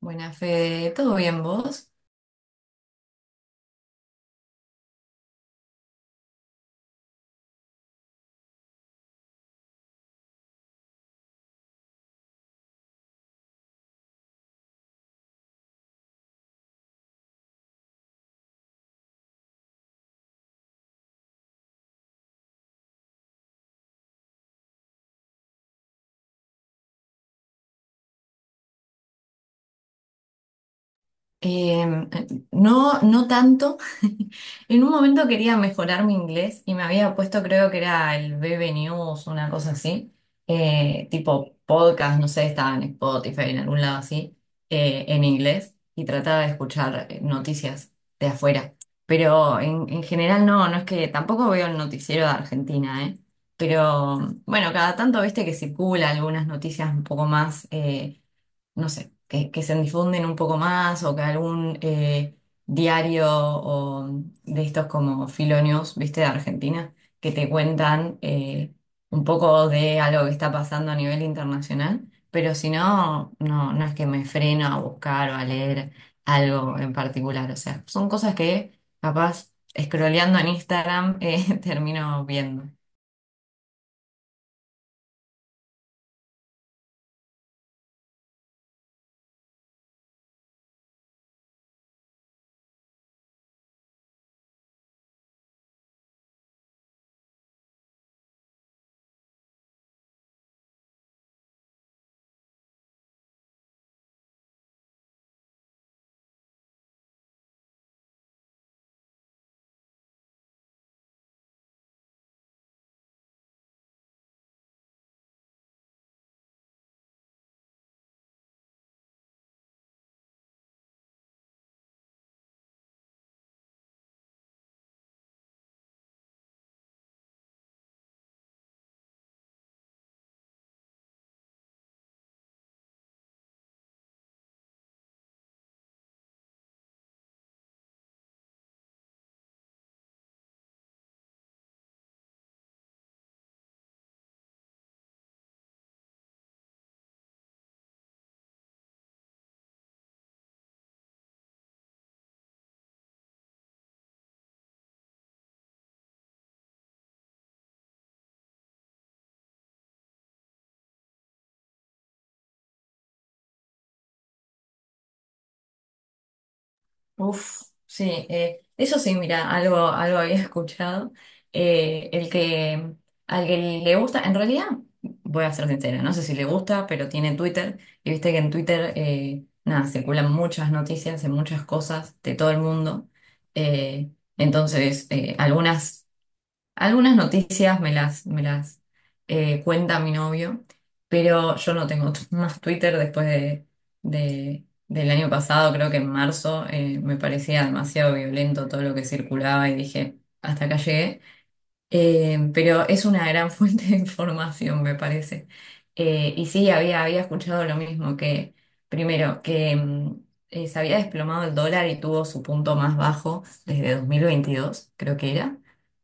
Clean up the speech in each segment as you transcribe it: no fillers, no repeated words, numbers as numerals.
Buena Fede, ¿todo bien vos? Em, Eh, no, no tanto. En un momento quería mejorar mi inglés y me había puesto, creo que era el BB News, una cosa así, tipo podcast, no sé, estaba en Spotify, en algún lado así, en inglés y trataba de escuchar noticias de afuera. Pero en general no, no es que tampoco veo el noticiero de Argentina, ¿eh? Pero bueno, cada tanto viste que circula algunas noticias un poco más. No sé, que se difunden un poco más o que algún diario o de estos como Filonews, viste, de Argentina, que te cuentan un poco de algo que está pasando a nivel internacional, pero si no, no, no es que me freno a buscar o a leer algo en particular, o sea, son cosas que capaz scrolleando en Instagram, termino viendo. Uf, sí, eso sí, mira, algo había escuchado. Eh, el que, Al que le gusta, en realidad, voy a ser sincera, no sé si le gusta, pero tiene Twitter, y viste que en Twitter, nada, circulan muchas noticias de muchas cosas de todo el mundo. Eh, entonces, algunas noticias me las cuenta mi novio, pero yo no tengo más Twitter después del año pasado, creo que en marzo. Me parecía demasiado violento todo lo que circulaba y dije, hasta acá llegué. Pero es una gran fuente de información, me parece. Y sí, había escuchado lo mismo, que primero, que se había desplomado el dólar y tuvo su punto más bajo desde 2022, creo que era,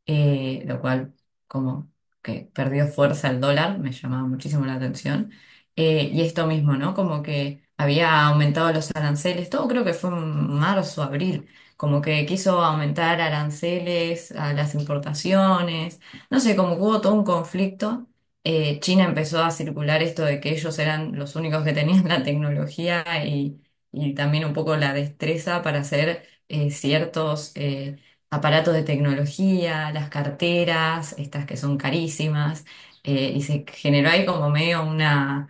lo cual como que perdió fuerza el dólar, me llamaba muchísimo la atención. Y esto mismo, ¿no? Como que había aumentado los aranceles, todo creo que fue en marzo, abril, como que quiso aumentar aranceles a las importaciones, no sé, como que hubo todo un conflicto. China empezó a circular esto de que ellos eran los únicos que tenían la tecnología y también un poco la destreza para hacer ciertos aparatos de tecnología, las carteras, estas que son carísimas, y se generó ahí como medio una,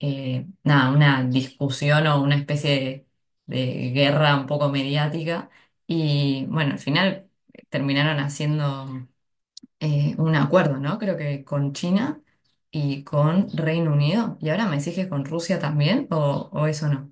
nada, una discusión o una especie de guerra un poco mediática y bueno, al final terminaron haciendo un acuerdo, ¿no? Creo que con China y con Reino Unido. ¿Y ahora me decís que con Rusia también o eso no?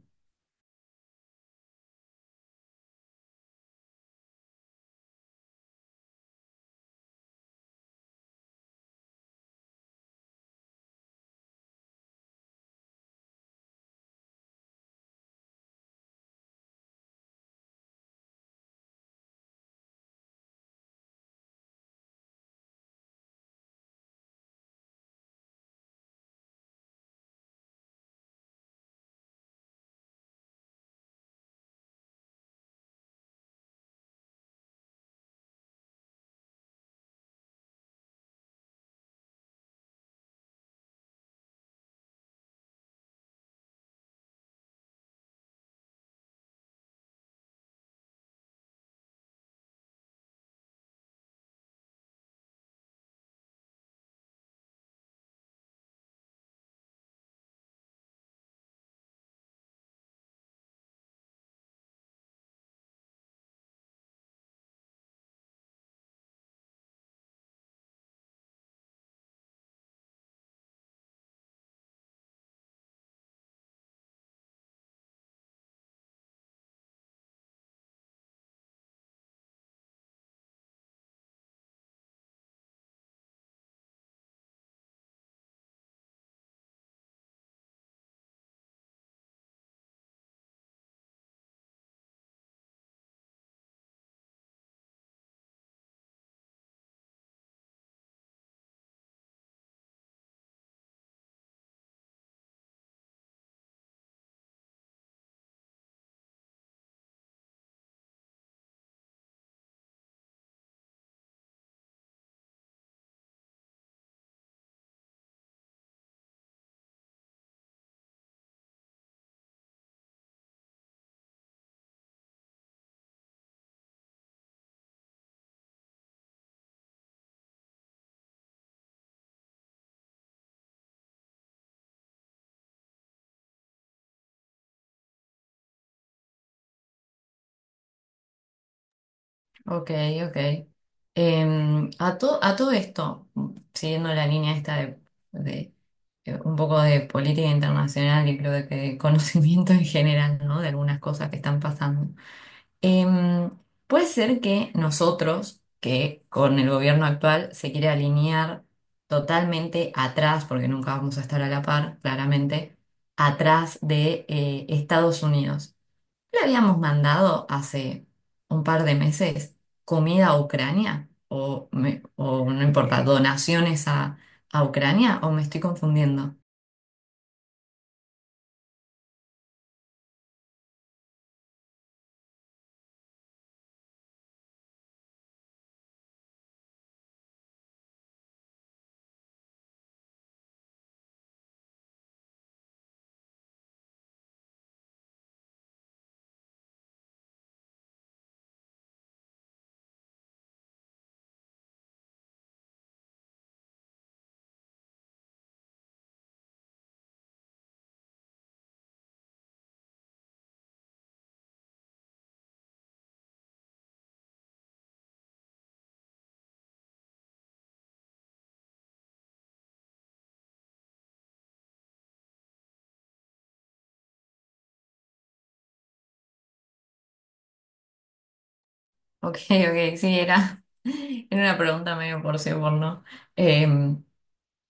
Ok, ok. A todo esto, siguiendo la línea esta de, un poco de política internacional y creo que de conocimiento en general, ¿no? De algunas cosas que están pasando. Em, Puede ser que nosotros, que con el gobierno actual se quiere alinear totalmente atrás, porque nunca vamos a estar a la par, claramente, atrás de, Estados Unidos. Le habíamos mandado hace un par de meses comida a Ucrania, o no importa, donaciones a Ucrania, o me estoy confundiendo. Ok, ok, sí, era, era una pregunta medio por sí o por no. Em,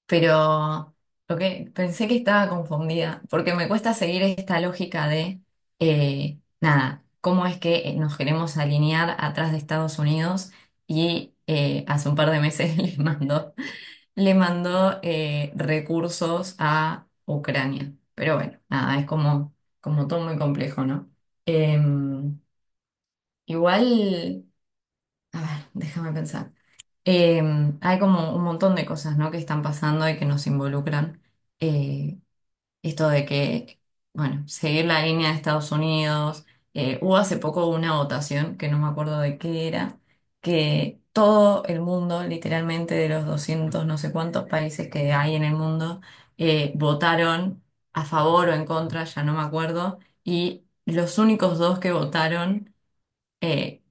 pero lo que pensé que estaba confundida, porque me cuesta seguir esta lógica de, nada, cómo es que nos queremos alinear atrás de Estados Unidos y, hace un par de meses le mandó recursos a Ucrania. Pero bueno, nada, es como, como todo muy complejo, ¿no? Em, Igual, a ver, déjame pensar. Eh, Hay como un montón de cosas, ¿no? Que están pasando y que nos involucran. Eh, Esto de que, bueno, seguir la línea de Estados Unidos. Hubo hace poco una votación, que no me acuerdo de qué era, que todo el mundo, literalmente de los 200 no sé cuántos países que hay en el mundo, votaron a favor o en contra, ya no me acuerdo, y los únicos dos que votaron eh,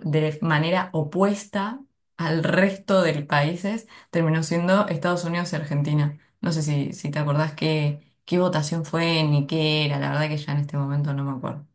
de manera opuesta al resto de países, terminó siendo Estados Unidos y Argentina. No sé si, si te acordás qué, qué votación fue ni qué era, la verdad que ya en este momento no me acuerdo.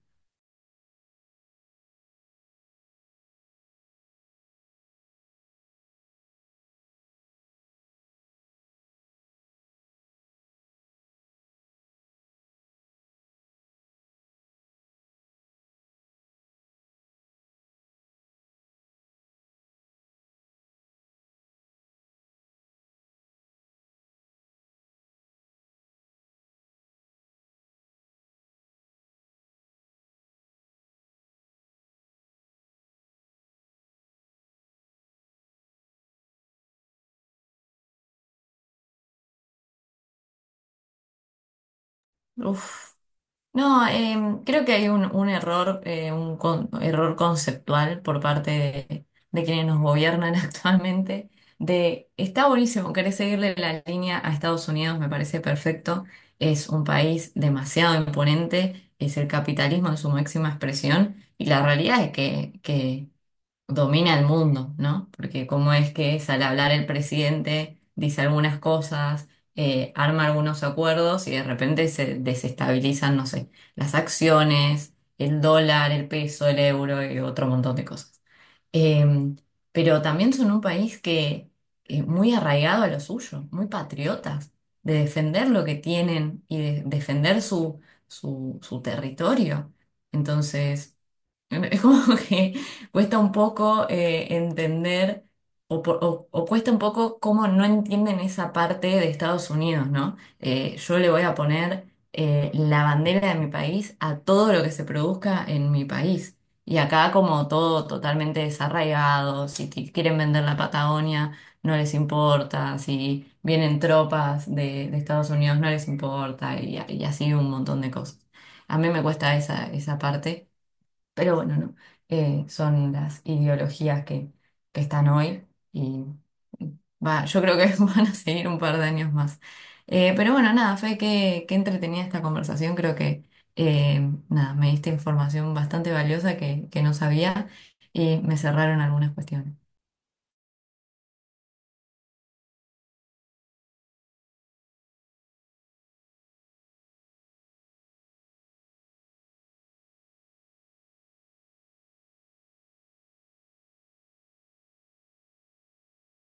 Uf. No, creo que hay un error, error conceptual por parte de quienes nos gobiernan actualmente. De está buenísimo, querés seguirle la línea a Estados Unidos, me parece perfecto, es un país demasiado imponente, es el capitalismo en su máxima expresión, y la realidad es que domina el mundo, ¿no? Porque cómo es que es al hablar el presidente, dice algunas cosas, arma algunos acuerdos y de repente se desestabilizan, no sé, las acciones, el dólar, el peso, el euro y otro montón de cosas. Eh, pero también son un país que es muy arraigado a lo suyo, muy patriotas, de defender lo que tienen y de defender su, su, su territorio. Entonces... Es como que cuesta un poco, entender o, o cuesta un poco cómo no entienden esa parte de Estados Unidos, ¿no? Yo le voy a poner, la bandera de mi país a todo lo que se produzca en mi país. Y acá como todo totalmente desarraigado, si quieren vender la Patagonia, no les importa, si vienen tropas de Estados Unidos, no les importa, y así un montón de cosas. A mí me cuesta esa, esa parte. Pero bueno, no. Son las ideologías que están hoy y va, yo creo que van a seguir un par de años más. Pero bueno, nada, Fe, qué entretenida esta conversación. Creo que, nada, me diste información bastante valiosa que no sabía y me cerraron algunas cuestiones.